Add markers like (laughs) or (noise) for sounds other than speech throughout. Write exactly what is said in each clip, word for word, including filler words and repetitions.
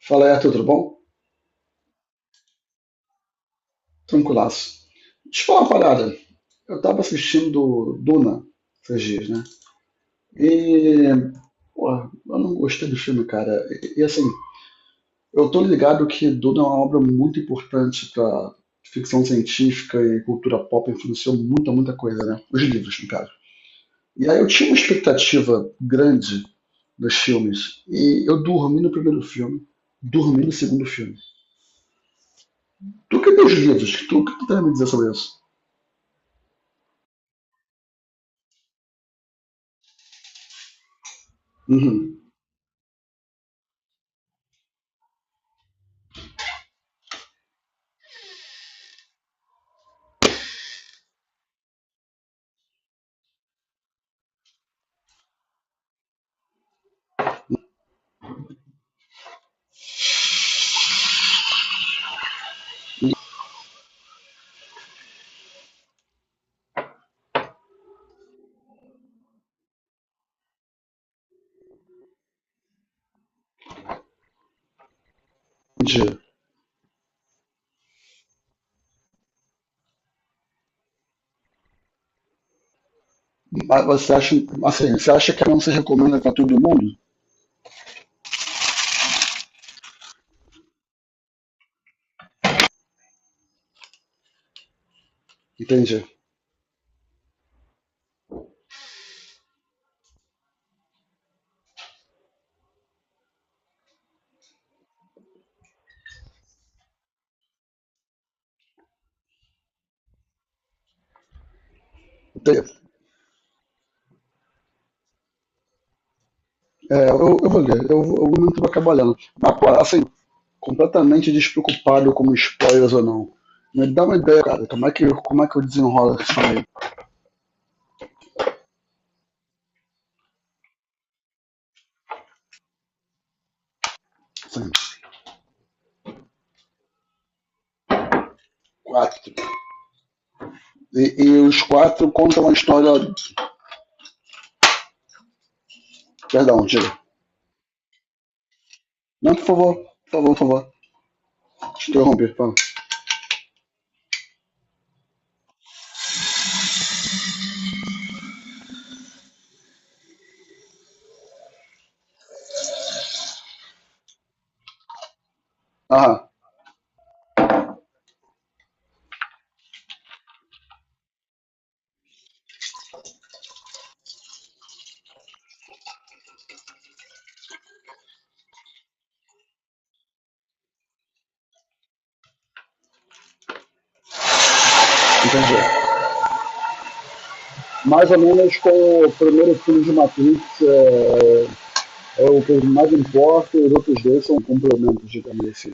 Fala, Arthur, tudo bom? Tranquilaço. Deixa eu falar uma parada. Eu tava assistindo Duna esses dias, né? E, pô, eu não gostei do filme, cara. E, e, assim, eu tô ligado que Duna é uma obra muito importante pra ficção científica e cultura pop, influenciou muita, muita coisa, né? Os livros, no caso. E aí eu tinha uma expectativa grande dos filmes. E eu dormi no primeiro filme, dormi no segundo filme. Tu que tem os livros, tu que tu tem a me dizer sobre isso? Uhum, entendi. Mas você acha, assim, você acha que não se recomenda para todo mundo? Entendi. Entendi. É, eu, eu vou ler, eu, eu muito vou acabar lendo. Mas, pô, assim, completamente despreocupado com spoilers ou não. Me dá uma ideia, cara, como é que, como é que eu desenrolo isso aí? Assim, quatro. E, e os quatro contam uma história. Perdão, diga. Não, por favor, por favor, por favor. Te interrompi, fala. Ah, entendi. Mais ou menos com o primeiro filme de Matrix, é, é o que eu mais importa, e os outros dois são complementos, digamos assim.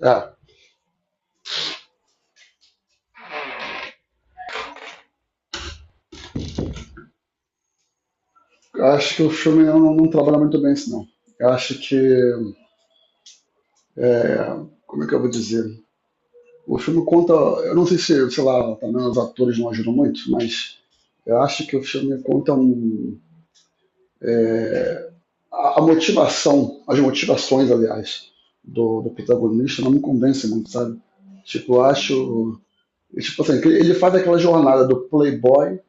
É, eu acho que o filme não, não trabalha muito bem isso, não. Eu acho que. É, Como é que eu vou dizer? O filme conta. Eu não sei se, sei lá, também os atores não ajudam muito, mas eu acho que o filme conta um, a, a motivação, as motivações, aliás, do, do protagonista não me convence muito, sabe? Tipo, eu acho. Tipo assim, ele faz aquela jornada do playboy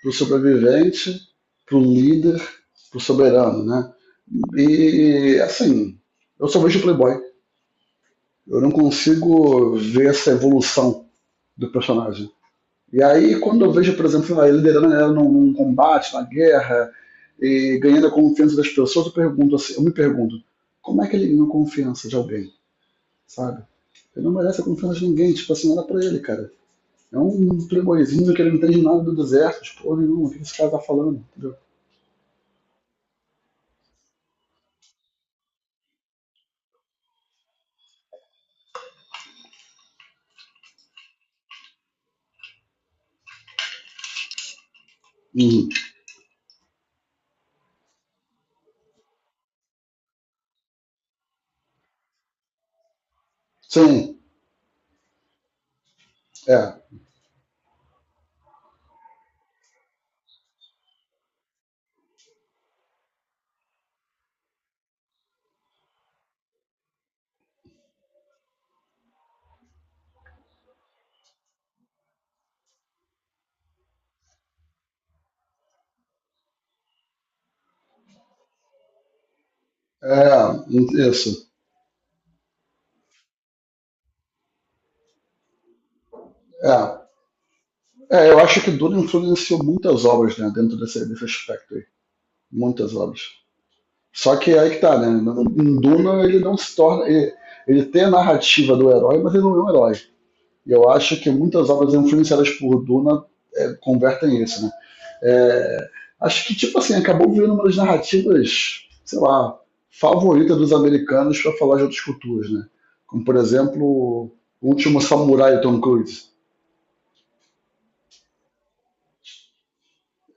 para o sobrevivente, para o líder, para o soberano, né? E, assim, eu só vejo o Playboy. Eu não consigo ver essa evolução do personagem. E aí, quando eu vejo, por exemplo, ele liderando a galera num combate, na guerra, e ganhando a confiança das pessoas, eu pergunto assim, eu me pergunto, como é que ele ganha confiança de alguém, sabe? Ele não merece a confiança de ninguém, tipo assim, nada pra ele, cara. É um playboyzinho que ele não entende nada do deserto, tipo, porra nenhuma, o que esse cara tá falando, entendeu? Uhum. Sim, é. É, isso. É. É, eu acho que Duna influenciou muitas obras, né, dentro desse, desse aspecto aí. Muitas obras. Só que é aí que tá, né? Em Duna ele não se torna. Ele, ele tem a narrativa do herói, mas ele não é um herói. E eu acho que muitas obras influenciadas por Duna é, convertem isso, né? É, acho que, tipo assim, acabou virando uma das narrativas, sei lá, favorita dos americanos para falar de outras culturas, né? Como, por exemplo, O Último Samurai, Tom Cruise.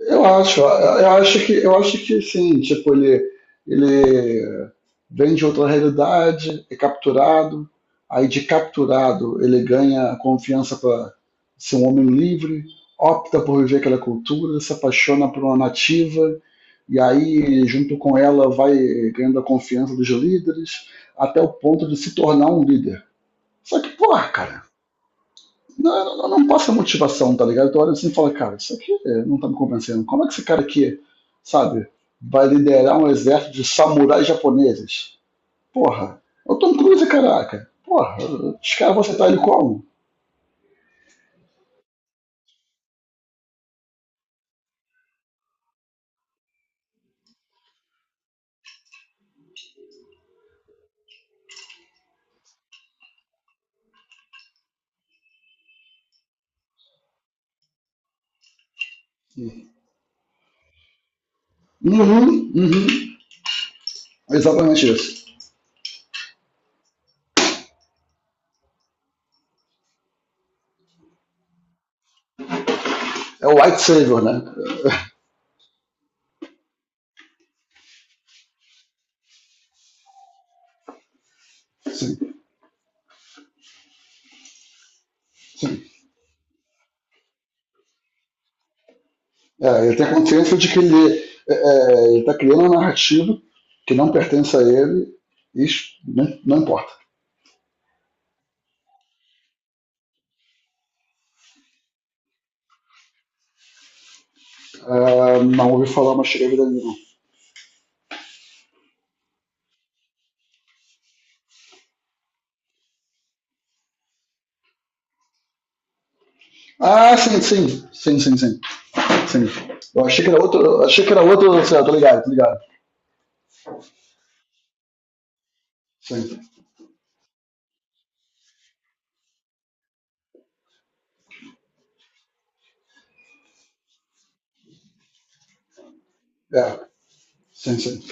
Eu acho, eu acho que, eu acho que sim, tipo, ele, ele vem de outra realidade, é capturado, aí de capturado ele ganha a confiança para ser um homem livre, opta por viver aquela cultura, se apaixona por uma nativa, e aí, junto com ela, vai ganhando a confiança dos líderes, até o ponto de se tornar um líder. Só que, porra, cara, não, não, não passa motivação, tá ligado? Tu olha assim e fala, cara, isso aqui é, não tá me convencendo. Como é que esse cara aqui, sabe, vai liderar um exército de samurais japoneses? Porra, é o Tom Cruise, caraca. Porra, os caras vão aceitar ele como? Uhum, uhum. Exatamente isso. É o White Savior, né? Sim, sim. É, ele tem a consciência de que ele, é, é, ele tá criando uma narrativa que não pertence a ele, isso né, não importa. É, não ouvi falar, mas cheguei a vida nenhuma. Ah, sim, sim. Sim, sim, sim. Sim. Eu achei que era outro. Eu achei que era outro. Sei, lá, tô ligado, tô ligado. Sim. É. Sim, sim.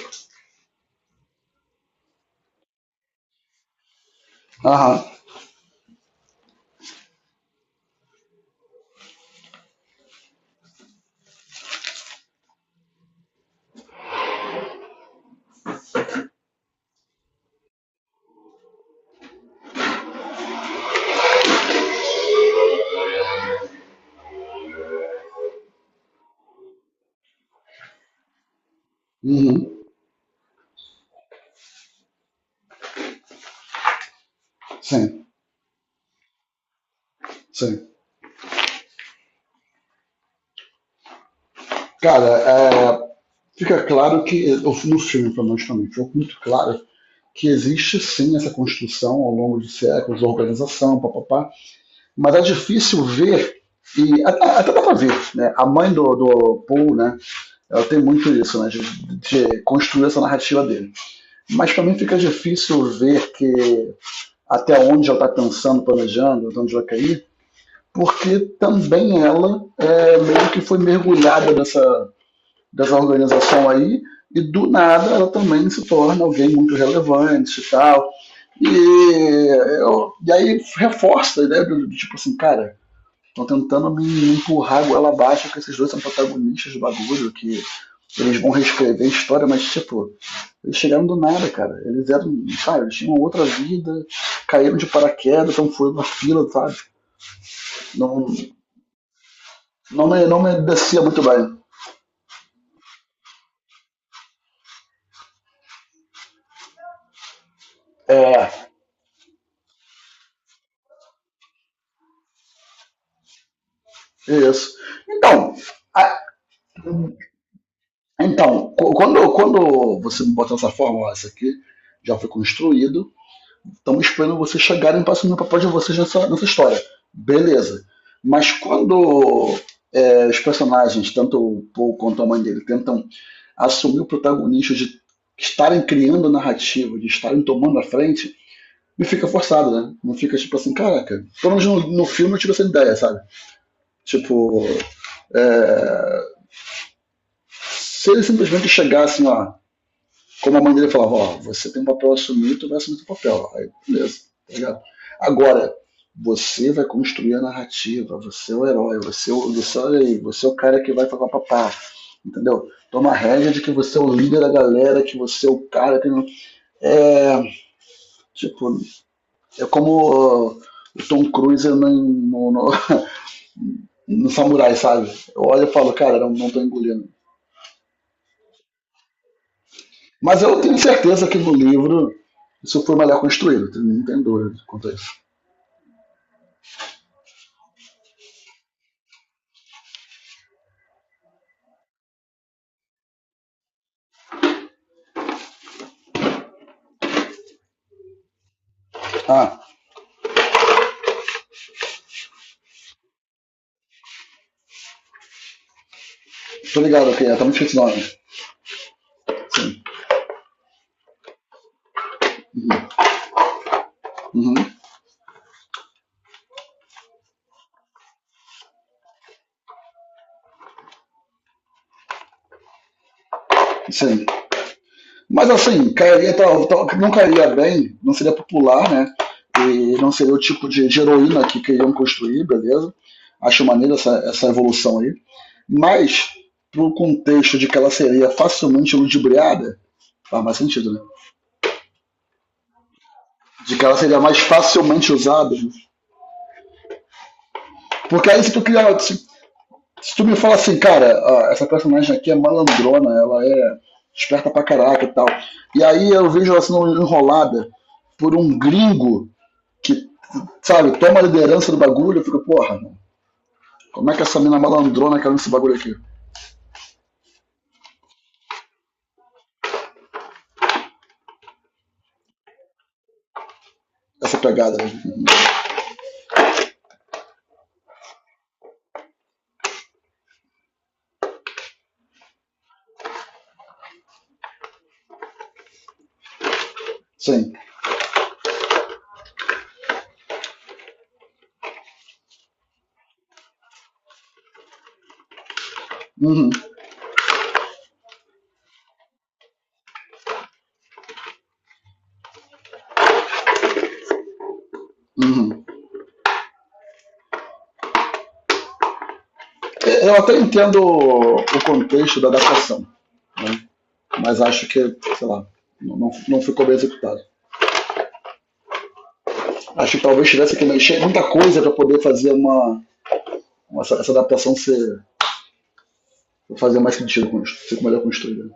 Aham. Uhum. Sim, sim. Cara, é, fica claro que, no filme, pelo menos também, ficou muito claro que existe sim essa construção ao longo de séculos, organização, papapá, mas é difícil ver, e até, até dá pra ver, né? A mãe do, do Paul, né? Ela tem muito isso, né? De, de construir essa narrativa dele. Mas também fica difícil ver que até onde ela está pensando, planejando, de onde vai cair, porque também ela é, meio que foi mergulhada dessa, dessa organização aí, e do nada ela também se torna alguém muito relevante e tal. E, eu, e aí reforça a ideia do tipo assim, cara, estão tentando me empurrar a goela abaixo, que esses dois são protagonistas do bagulho, que eles vão reescrever a história, mas tipo, eles chegaram do nada, cara. Eles eram, sabe, eles tinham outra vida, caíram de paraquedas, então foram na fila, sabe? Não, não, me, não me descia muito bem. É, isso. Então, a- então qu- Quando, quando você me bota dessa forma, ó, isso aqui já foi construído. Estamos esperando vocês chegarem para assumir o papel de vocês nessa, nessa história. Beleza. Mas quando é, os personagens, tanto o Paul quanto a mãe dele, tentam assumir o protagonismo de estarem criando narrativa, de estarem tomando a frente, não fica forçado, né? Não fica tipo assim, caraca. Pelo menos no, no filme eu tive essa ideia, sabe? Tipo, é, se ele simplesmente chegar assim, ó, como a mãe dele falava, ó, você tem um papel a assumir, tu vai assumir teu papel. Aí, beleza, tá ligado? Agora, você vai construir a narrativa, você é o herói, você é o, você, olha aí, você é o cara que vai falar papá, entendeu? Toma a regra de que você é o líder da galera, que você é o cara que... não- É, tipo, é como Uh, o Tom Cruise no, no, no- (laughs) no Samurai, sabe? Eu olho e falo, cara, não, não tô engolindo. Mas eu tenho certeza que no livro isso foi melhor construído, não tem dúvida quanto a isso. Ah, tô ligado aqui, tá muito difícil o nome. Sim. Uhum, sim. Mas assim, cairia, tal- tal- não cairia bem, não seria popular, né? E não seria o tipo de, de heroína que queriam construir, beleza? Acho maneiro essa, essa evolução aí. Mas, pro contexto de que ela seria facilmente ludibriada, faz mais sentido, né? De que ela seria mais facilmente usada, né? Porque aí se tu criar, se se tu me fala assim, cara, ó, essa personagem aqui é malandrona, ela é esperta pra caraca e tal. E aí eu vejo ela sendo enrolada por um gringo que, sabe, toma a liderança do bagulho, eu fico, porra, mano, como é que essa mina malandrona caiu nesse bagulho aqui? Essa pegada, né? Sim. Uhum, uhum. É, eu até entendo o o contexto da adaptação, né? Mas acho que, sei lá, não, não- não ficou bem executado. Acho que talvez tivesse que mexer muita coisa para poder fazer uma, uma- essa, essa adaptação ser. Vou fazer mais sentido com isso. Fico melhor construído.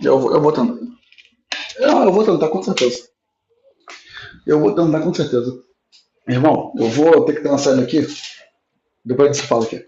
Eu vou, eu vou tentar. Eu, eu vou tentar, com certeza. Eu vou tentar, com certeza. Irmão, eu vou ter que dar uma saída aqui. Depois a gente se fala aqui.